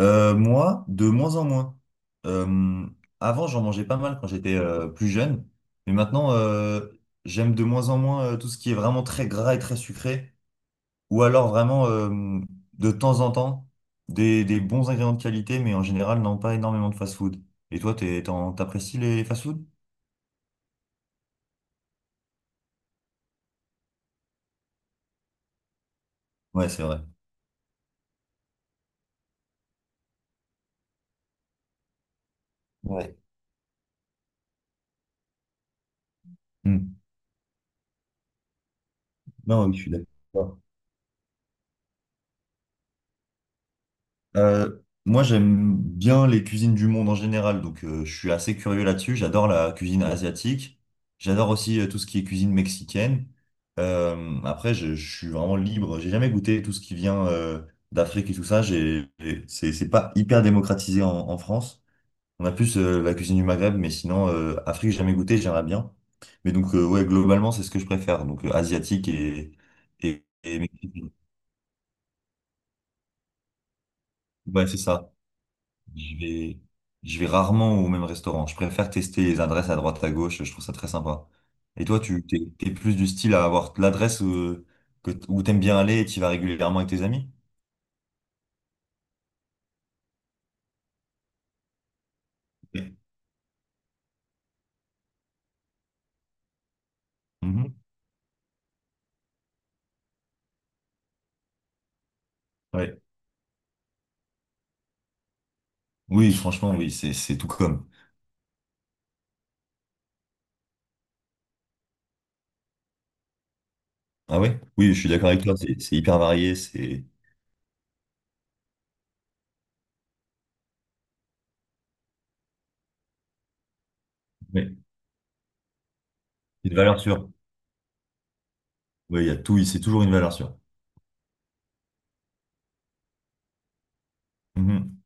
Moi, de moins en moins. Euh, Avant, j'en mangeais pas mal quand j'étais plus jeune, mais maintenant, j'aime de moins en moins tout ce qui est vraiment très gras et très sucré, ou alors vraiment de temps en temps des bons ingrédients de qualité, mais en général, non, pas énormément de fast-food. Et toi, t'apprécies les fast-food? Ouais, c'est vrai. Ouais. Hmm. Non, oui, je suis d'accord. Euh, Moi, j'aime bien les cuisines du monde en général, donc je suis assez curieux là-dessus. J'adore la cuisine asiatique. J'adore aussi tout ce qui est cuisine mexicaine. Après, je suis vraiment libre. J'ai jamais goûté tout ce qui vient d'Afrique et tout ça. C'est pas hyper démocratisé en France. On a plus la cuisine du Maghreb, mais sinon, Afrique, j'ai jamais goûté, j'aimerais bien. Mais donc, ouais, globalement, c'est ce que je préfère. Donc, asiatique et mexicain. Ouais, c'est ça. Je vais, je vais rarement au même restaurant. Je préfère tester les adresses à droite à gauche. Je trouve ça très sympa. Et toi, t'es plus du style à avoir l'adresse où t'aimes bien aller et tu vas régulièrement avec tes amis? Oui. Mhm. Ouais. Oui, franchement, oui, c'est tout comme. Ah ouais? Oui, je suis d'accord avec toi. C'est hyper varié. C'est, ouais, une valeur sûre. Oui, il y a tout. C'est toujours une valeur sûre. Mhm.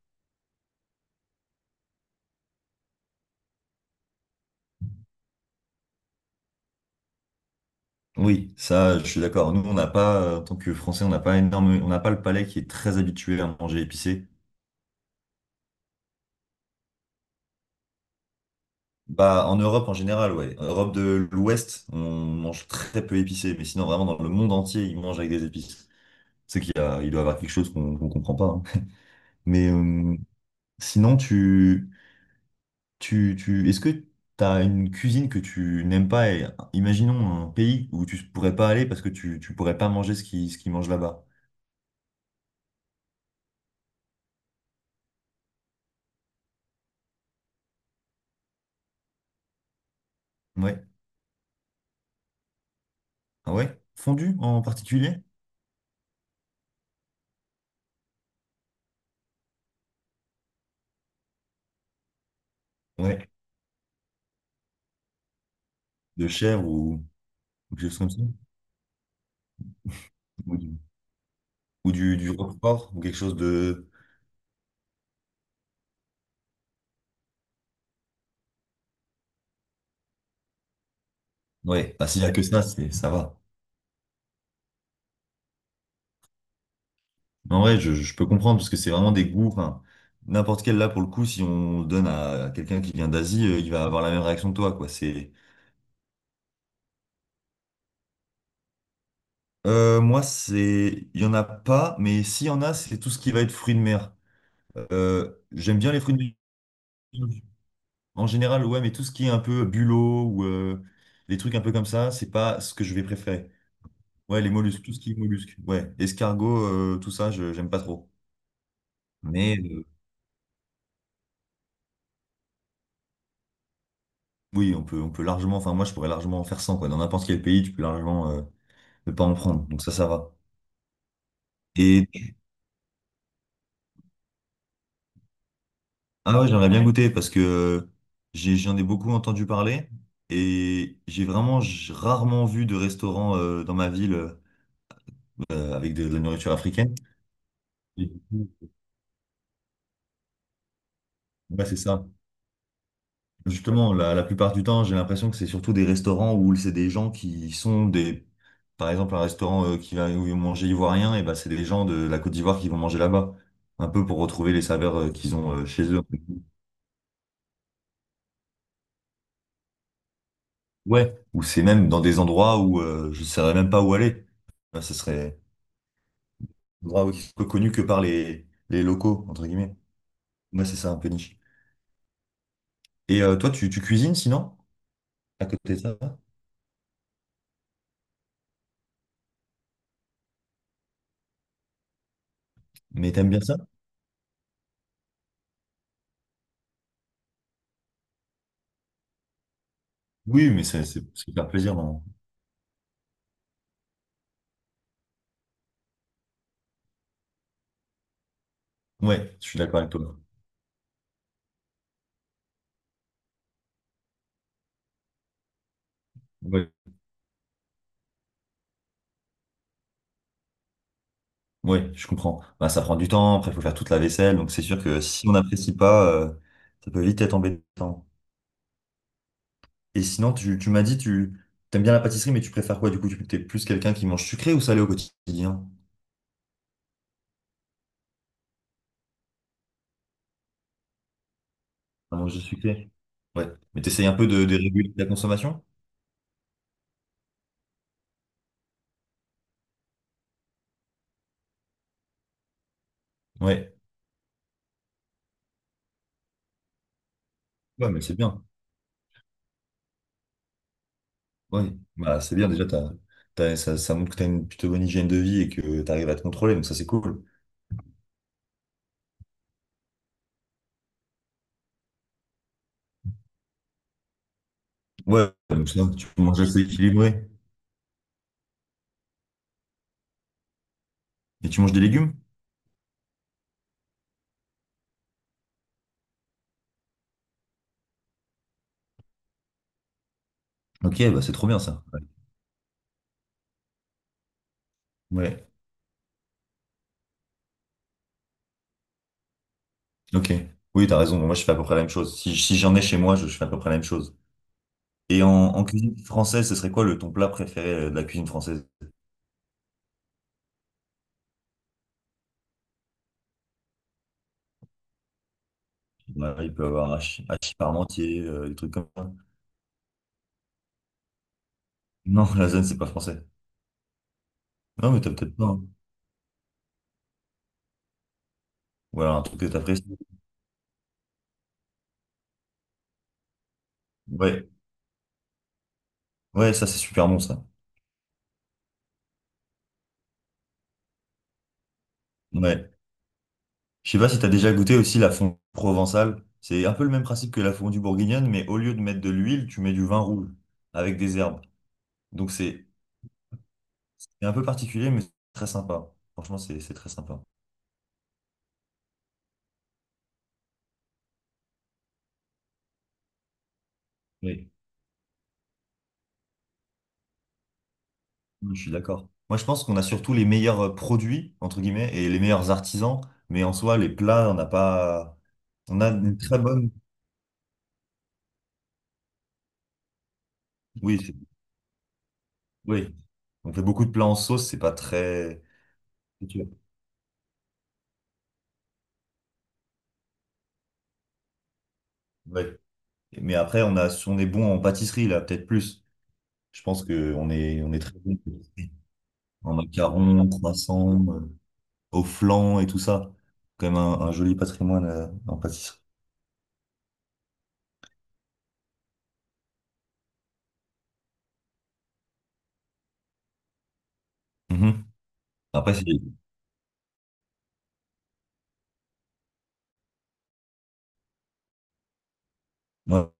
Oui, ça, je suis d'accord. Nous, on n'a pas, en tant que Français, on n'a pas énorme, on n'a pas le palais qui est très habitué à manger épicé. Bah, en Europe en général, ouais. En Europe de l'Ouest, on mange très peu épicé, mais sinon, vraiment, dans le monde entier, ils mangent avec des épices. C'est qu'il y a, il doit y avoir quelque chose qu'on comprend pas, hein. Mais sinon, est-ce que tu as une cuisine que tu n'aimes pas et imaginons un pays où tu pourrais pas aller parce que tu pourrais pas manger ce qu'ils mangent là-bas. Ouais. Ah ouais? Fondue en particulier? Ouais. De chèvre ou quelque chose comme ça? Ou du, ou du roquefort ou quelque chose de Ouais, bah, s'il y a que ça, ça va. Mais en vrai, je peux comprendre parce que c'est vraiment des goûts. Enfin, n'importe quel là, pour le coup, si on donne à quelqu'un qui vient d'Asie, il va avoir la même réaction que toi, quoi. C'est, moi, il y en a pas, mais s'il y en a, c'est tout ce qui va être fruits de mer. J'aime bien les fruits de mer en général, ouais, mais tout ce qui est un peu bulot ou les trucs un peu comme ça, c'est pas ce que je vais préférer. Ouais, les mollusques, tout ce qui est mollusques, ouais, escargot, tout ça, je j'aime pas trop. Mais oui, on peut largement, enfin moi je pourrais largement en faire 100, quoi. Dans n'importe quel pays, tu peux largement ne pas en prendre. Donc ça va. Et ah ouais, j'aimerais bien, ouais, goûter parce que j'en ai beaucoup entendu parler et j'ai vraiment rarement vu de restaurant dans ma ville avec de la nourriture africaine. Et du coup, ouais, c'est ça. Justement, la plupart du temps, j'ai l'impression que c'est surtout des restaurants où c'est des gens qui sont des... Par exemple, un restaurant qui va où ils vont manger ivoirien, et ben c'est des gens de la Côte d'Ivoire qui vont manger là-bas. Un peu pour retrouver les saveurs qu'ils ont chez eux. Ouais. Ou c'est même dans des endroits où je ne saurais même pas où aller. Ben, ce serait un endroit connu que par les locaux, entre guillemets. Moi, c'est ça, un peu niche. Et toi, tu cuisines sinon, à côté de ça? Mais t'aimes bien ça? Oui, mais c'est faire plaisir, non? Ouais, je suis d'accord avec toi. Ouais. Oui, je comprends. Bah, ça prend du temps, après il faut faire toute la vaisselle, donc c'est sûr que si on n'apprécie pas, ça peut vite être embêtant. Et sinon, tu m'as dit, tu aimes bien la pâtisserie, mais tu préfères quoi du coup? Tu es plus quelqu'un qui mange sucré ou salé au quotidien? À manger sucré. Ouais. Mais t'essayes un peu de réguler la consommation? Ouais. Ouais, mais c'est bien. Ouais. Bah, c'est bien déjà, ça, ça montre que tu as une plutôt bonne hygiène de vie et que tu arrives à te contrôler, donc ça c'est cool. Ouais, donc ça, tu manges assez équilibré. Et tu manges des légumes? Ok, bah c'est trop bien ça. Ouais. Ouais. Ok. Oui, t'as raison. Moi, je fais à peu près la même chose. Si j'en ai chez moi, je fais à peu près la même chose. Et en cuisine française, ce serait quoi le ton plat préféré de la cuisine française? Ouais, il peut y avoir hachis parmentier, des trucs comme ça. Non, la zone, c'est pas français. Non, mais t'as peut-être pas, hein. Ou alors un truc que t'apprécies. Ouais, ouais, ça, c'est super bon, ça. Ouais. Je sais pas si t'as déjà goûté aussi la fondue provençale. C'est un peu le même principe que la fondue bourguignonne, mais au lieu de mettre de l'huile, tu mets du vin rouge avec des herbes. Donc, c'est un peu particulier, mais c'est très sympa. Franchement, c'est très sympa. Oui, oui, je suis d'accord. Moi, je pense qu'on a surtout les meilleurs produits, entre guillemets, et les meilleurs artisans, mais en soi, les plats, on n'a pas. On a une très bonne. Oui, oui. On fait beaucoup de plats en sauce, c'est pas très. C'est sûr. Ouais. Mais après, on a... si on est bon en pâtisserie, là, peut-être plus. Je pense qu'on est... on est très bon en pâtisserie. En macarons, croissants, au flan et tout ça. Quand même un joli patrimoine en pâtisserie. Mhm. Après, c'est. Ouais,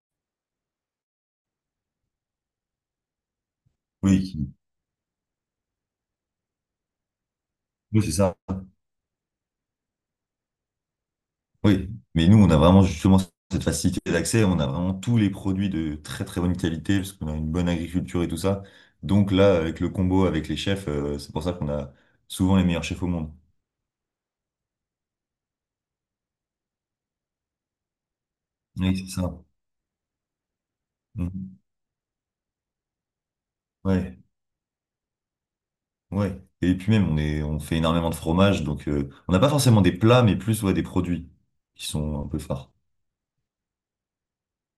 oui, oui, c'est ça. Oui, mais nous, on a vraiment justement cette facilité d'accès. On a vraiment tous les produits de très très bonne qualité parce qu'on a une bonne agriculture et tout ça. Donc là, avec le combo avec les chefs, c'est pour ça qu'on a souvent les meilleurs chefs au monde. Oui, c'est ça. Mhm. Ouais, ouais. Et puis même, on fait énormément de fromage, donc on n'a pas forcément des plats, mais plus ouais, des produits qui sont un peu phares.